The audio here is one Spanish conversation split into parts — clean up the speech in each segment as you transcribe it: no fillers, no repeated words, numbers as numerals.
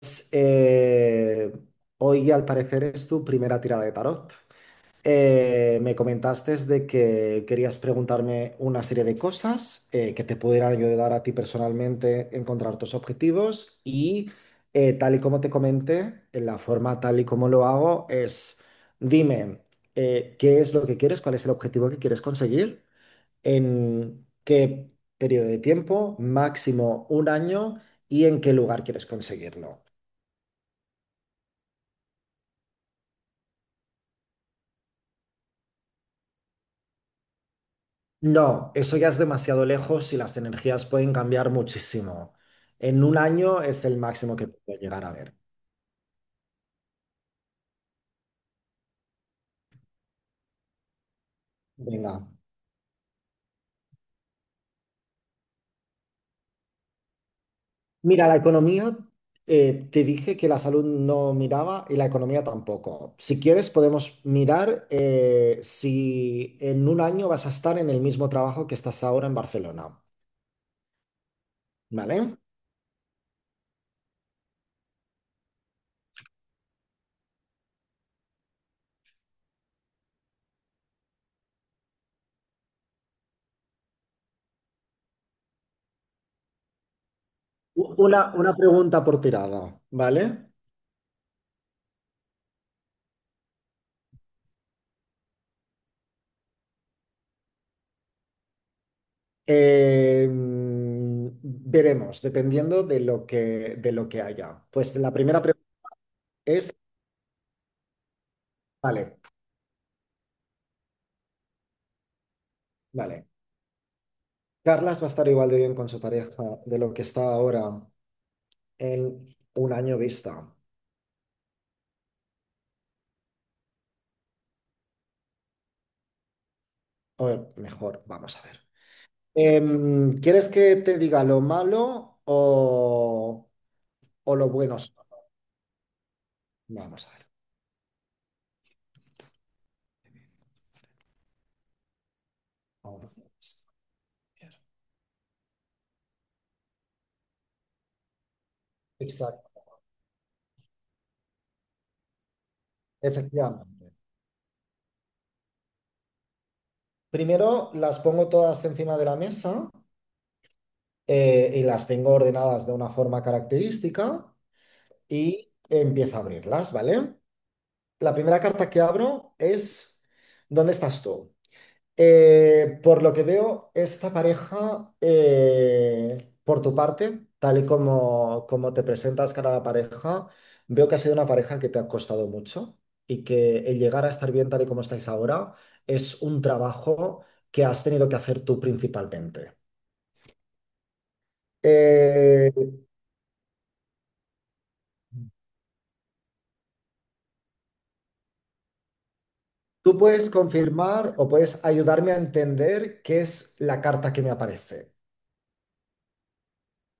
Pues, hoy al parecer es tu primera tirada de tarot. Me comentaste de que querías preguntarme una serie de cosas que te pudieran ayudar a ti personalmente a encontrar tus objetivos y tal y como te comenté, en la forma tal y como lo hago es, dime qué es lo que quieres, cuál es el objetivo que quieres conseguir, en qué periodo de tiempo, máximo un año y en qué lugar quieres conseguirlo. No, eso ya es demasiado lejos y las energías pueden cambiar muchísimo. En un año es el máximo que puedo llegar a ver. Venga. Mira, la economía, te dije que la salud no miraba y la economía tampoco. Si quieres, podemos mirar si en un año vas a estar en el mismo trabajo que estás ahora en Barcelona, ¿vale? Una pregunta por tirada, ¿vale? Veremos, dependiendo de lo que haya. Pues, la primera pregunta es. Vale, vale. Carlas va a estar igual de bien con su pareja de lo que está ahora en un año vista. O mejor, vamos a ver. ¿Quieres que te diga lo malo o lo bueno, solo? Vamos a ver. Vamos a ver esto. Exacto, efectivamente. Primero las pongo todas encima de la mesa y las tengo ordenadas de una forma característica y empiezo a abrirlas, ¿vale? La primera carta que abro es: ¿dónde estás tú? Por lo que veo, esta pareja, por tu parte, tal y como te presentas cara a la pareja, veo que ha sido una pareja que te ha costado mucho y que el llegar a estar bien tal y como estáis ahora es un trabajo que has tenido que hacer tú principalmente. Eh, Tú puedes confirmar o puedes ayudarme a entender qué es la carta que me aparece.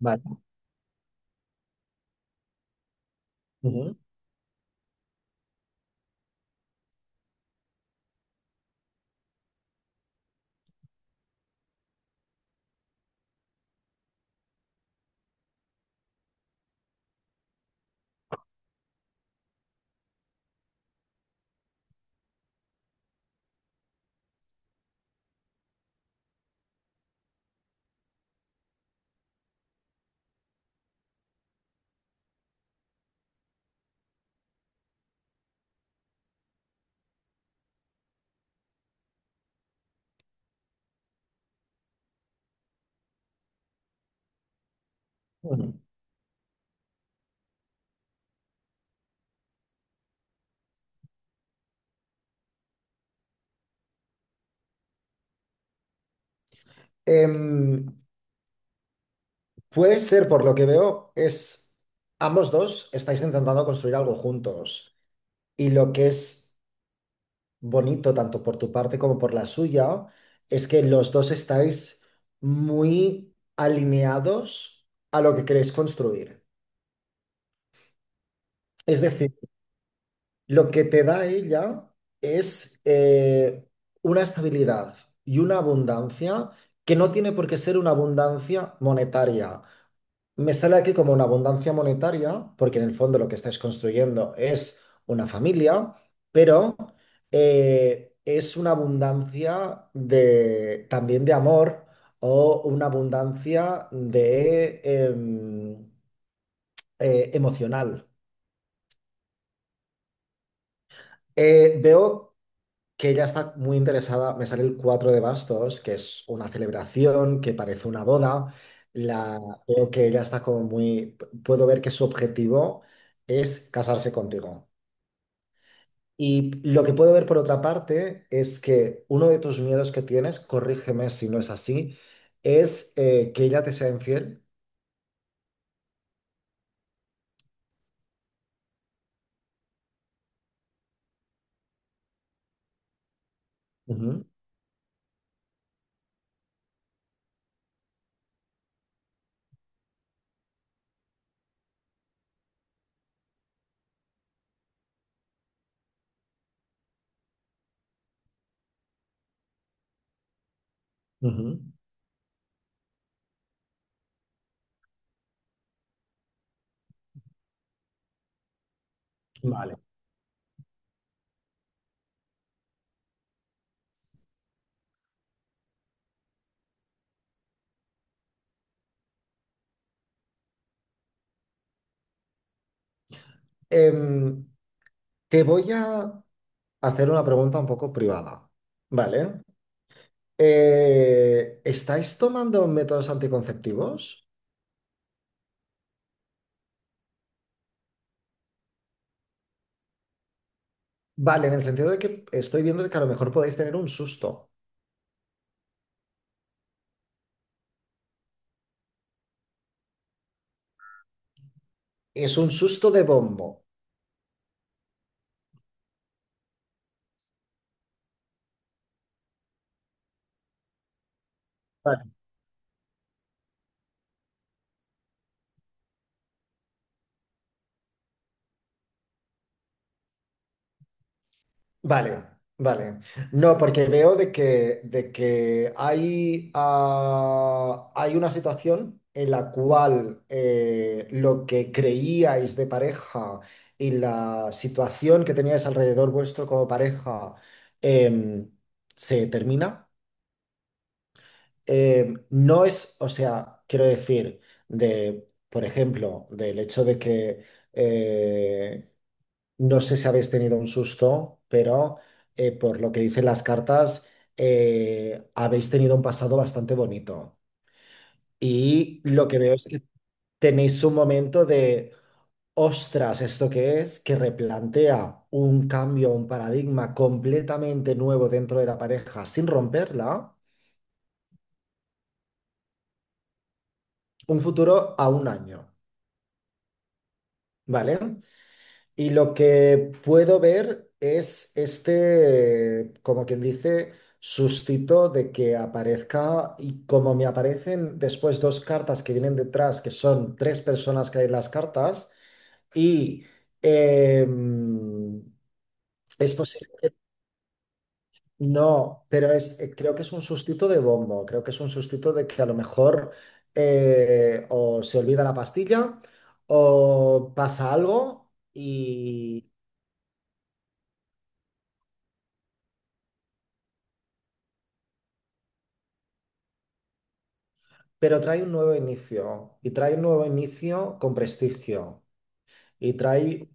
Vale. Ujú, ujú. Em, puede ser, por lo que veo, es ambos dos estáis intentando construir algo juntos. Y lo que es bonito, tanto por tu parte como por la suya, es que los dos estáis muy alineados a lo que queréis construir. Es decir, lo que te da ella es una estabilidad y una abundancia que no tiene por qué ser una abundancia monetaria. Me sale aquí como una abundancia monetaria, porque en el fondo lo que estáis construyendo es una familia, pero es una abundancia de, también de amor, o una abundancia de, emocional. Veo que ella está muy interesada, me sale el 4 de bastos, que es una celebración que parece una boda. La, Veo que ella está como muy, puedo ver que su objetivo es casarse contigo. Y lo que puedo ver por otra parte es que uno de tus miedos que tienes, corrígeme si no es así, es que ella te sea infiel. Ujú, ujú. Vale. Em, te voy a hacer una pregunta un poco privada, ¿vale? ¿Estáis tomando métodos anticonceptivos? Vale, en el sentido de que estoy viendo que a lo mejor podéis tener un susto. Es un susto de bombo. Vale. Vale, vale. No, porque veo de que hay una situación en la cual lo que creíais de pareja y la situación que teníais alrededor vuestro como pareja em, se termina. No es, o sea, quiero decir, por ejemplo, del hecho de que eh, no sé si habéis tenido un susto, pero por lo que dicen las cartas, habéis tenido un pasado bastante bonito. Y lo que veo es que tenéis un momento de, ostras, ¿esto qué es?, que replantea un cambio, un paradigma completamente nuevo dentro de la pareja sin romperla, un futuro a un año, ¿vale? Y lo que puedo ver es este, como quien dice, sustito de que aparezca, y como me aparecen después dos cartas que vienen detrás, que son tres personas que hay en las cartas, y em, es posible que no, pero creo que es un sustito de bombo, creo que es un sustito de que a lo mejor o se olvida la pastilla o pasa algo, pero trae un nuevo inicio, y trae un nuevo inicio con prestigio y trae...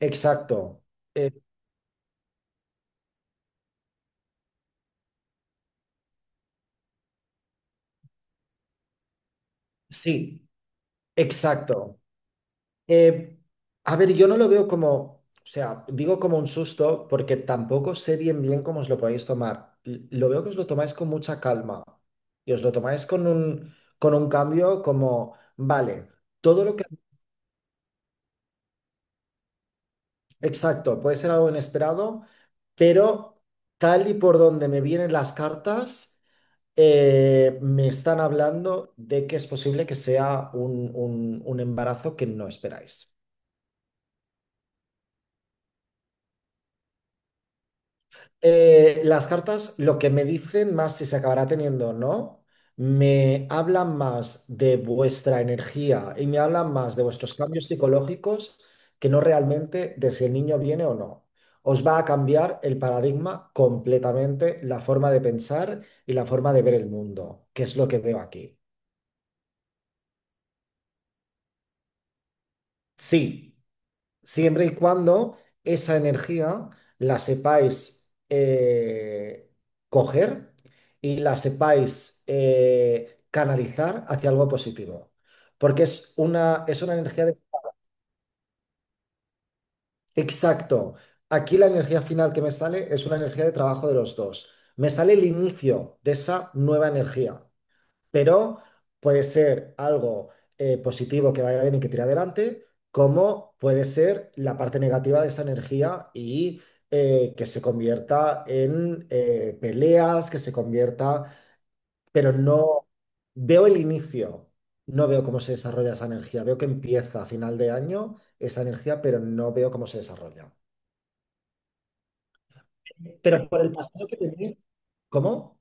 Exacto. Eh, sí, exacto. Eh, a ver, yo no lo veo como, o sea, digo como un susto porque tampoco sé bien bien cómo os lo podéis tomar. Lo veo que os lo tomáis con mucha calma y os lo tomáis con un cambio como, vale, todo lo que... Exacto, puede ser algo inesperado, pero tal y por donde me vienen las cartas. Me están hablando de que es posible que sea un embarazo que no esperáis. Las cartas, lo que me dicen más si se acabará teniendo o no, me hablan más de vuestra energía y me hablan más de vuestros cambios psicológicos que no realmente de si el niño viene o no. Os va a cambiar el paradigma completamente, la forma de pensar y la forma de ver el mundo, que es lo que veo aquí. Sí, siempre y cuando esa energía la sepáis coger y la sepáis canalizar hacia algo positivo. Porque es es una energía de... Exacto. Aquí la energía final que me sale es una energía de trabajo de los dos. Me sale el inicio de esa nueva energía, pero puede ser algo positivo que vaya bien y que tire adelante, como puede ser la parte negativa de esa energía y que se convierta en peleas, que se convierta, pero no veo el inicio, no veo cómo se desarrolla esa energía, veo que empieza a final de año esa energía, pero no veo cómo se desarrolla. Pero por el pasado que tenéis, ¿cómo?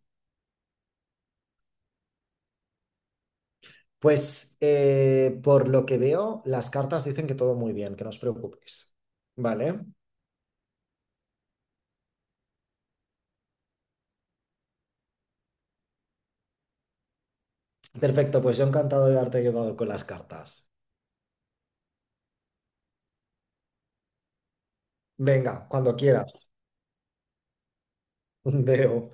Pues por lo que veo, las cartas dicen que todo muy bien, que no os preocupéis. Vale, perfecto, pues yo encantado de haberte ayudado con las cartas. Venga, cuando quieras. Veo.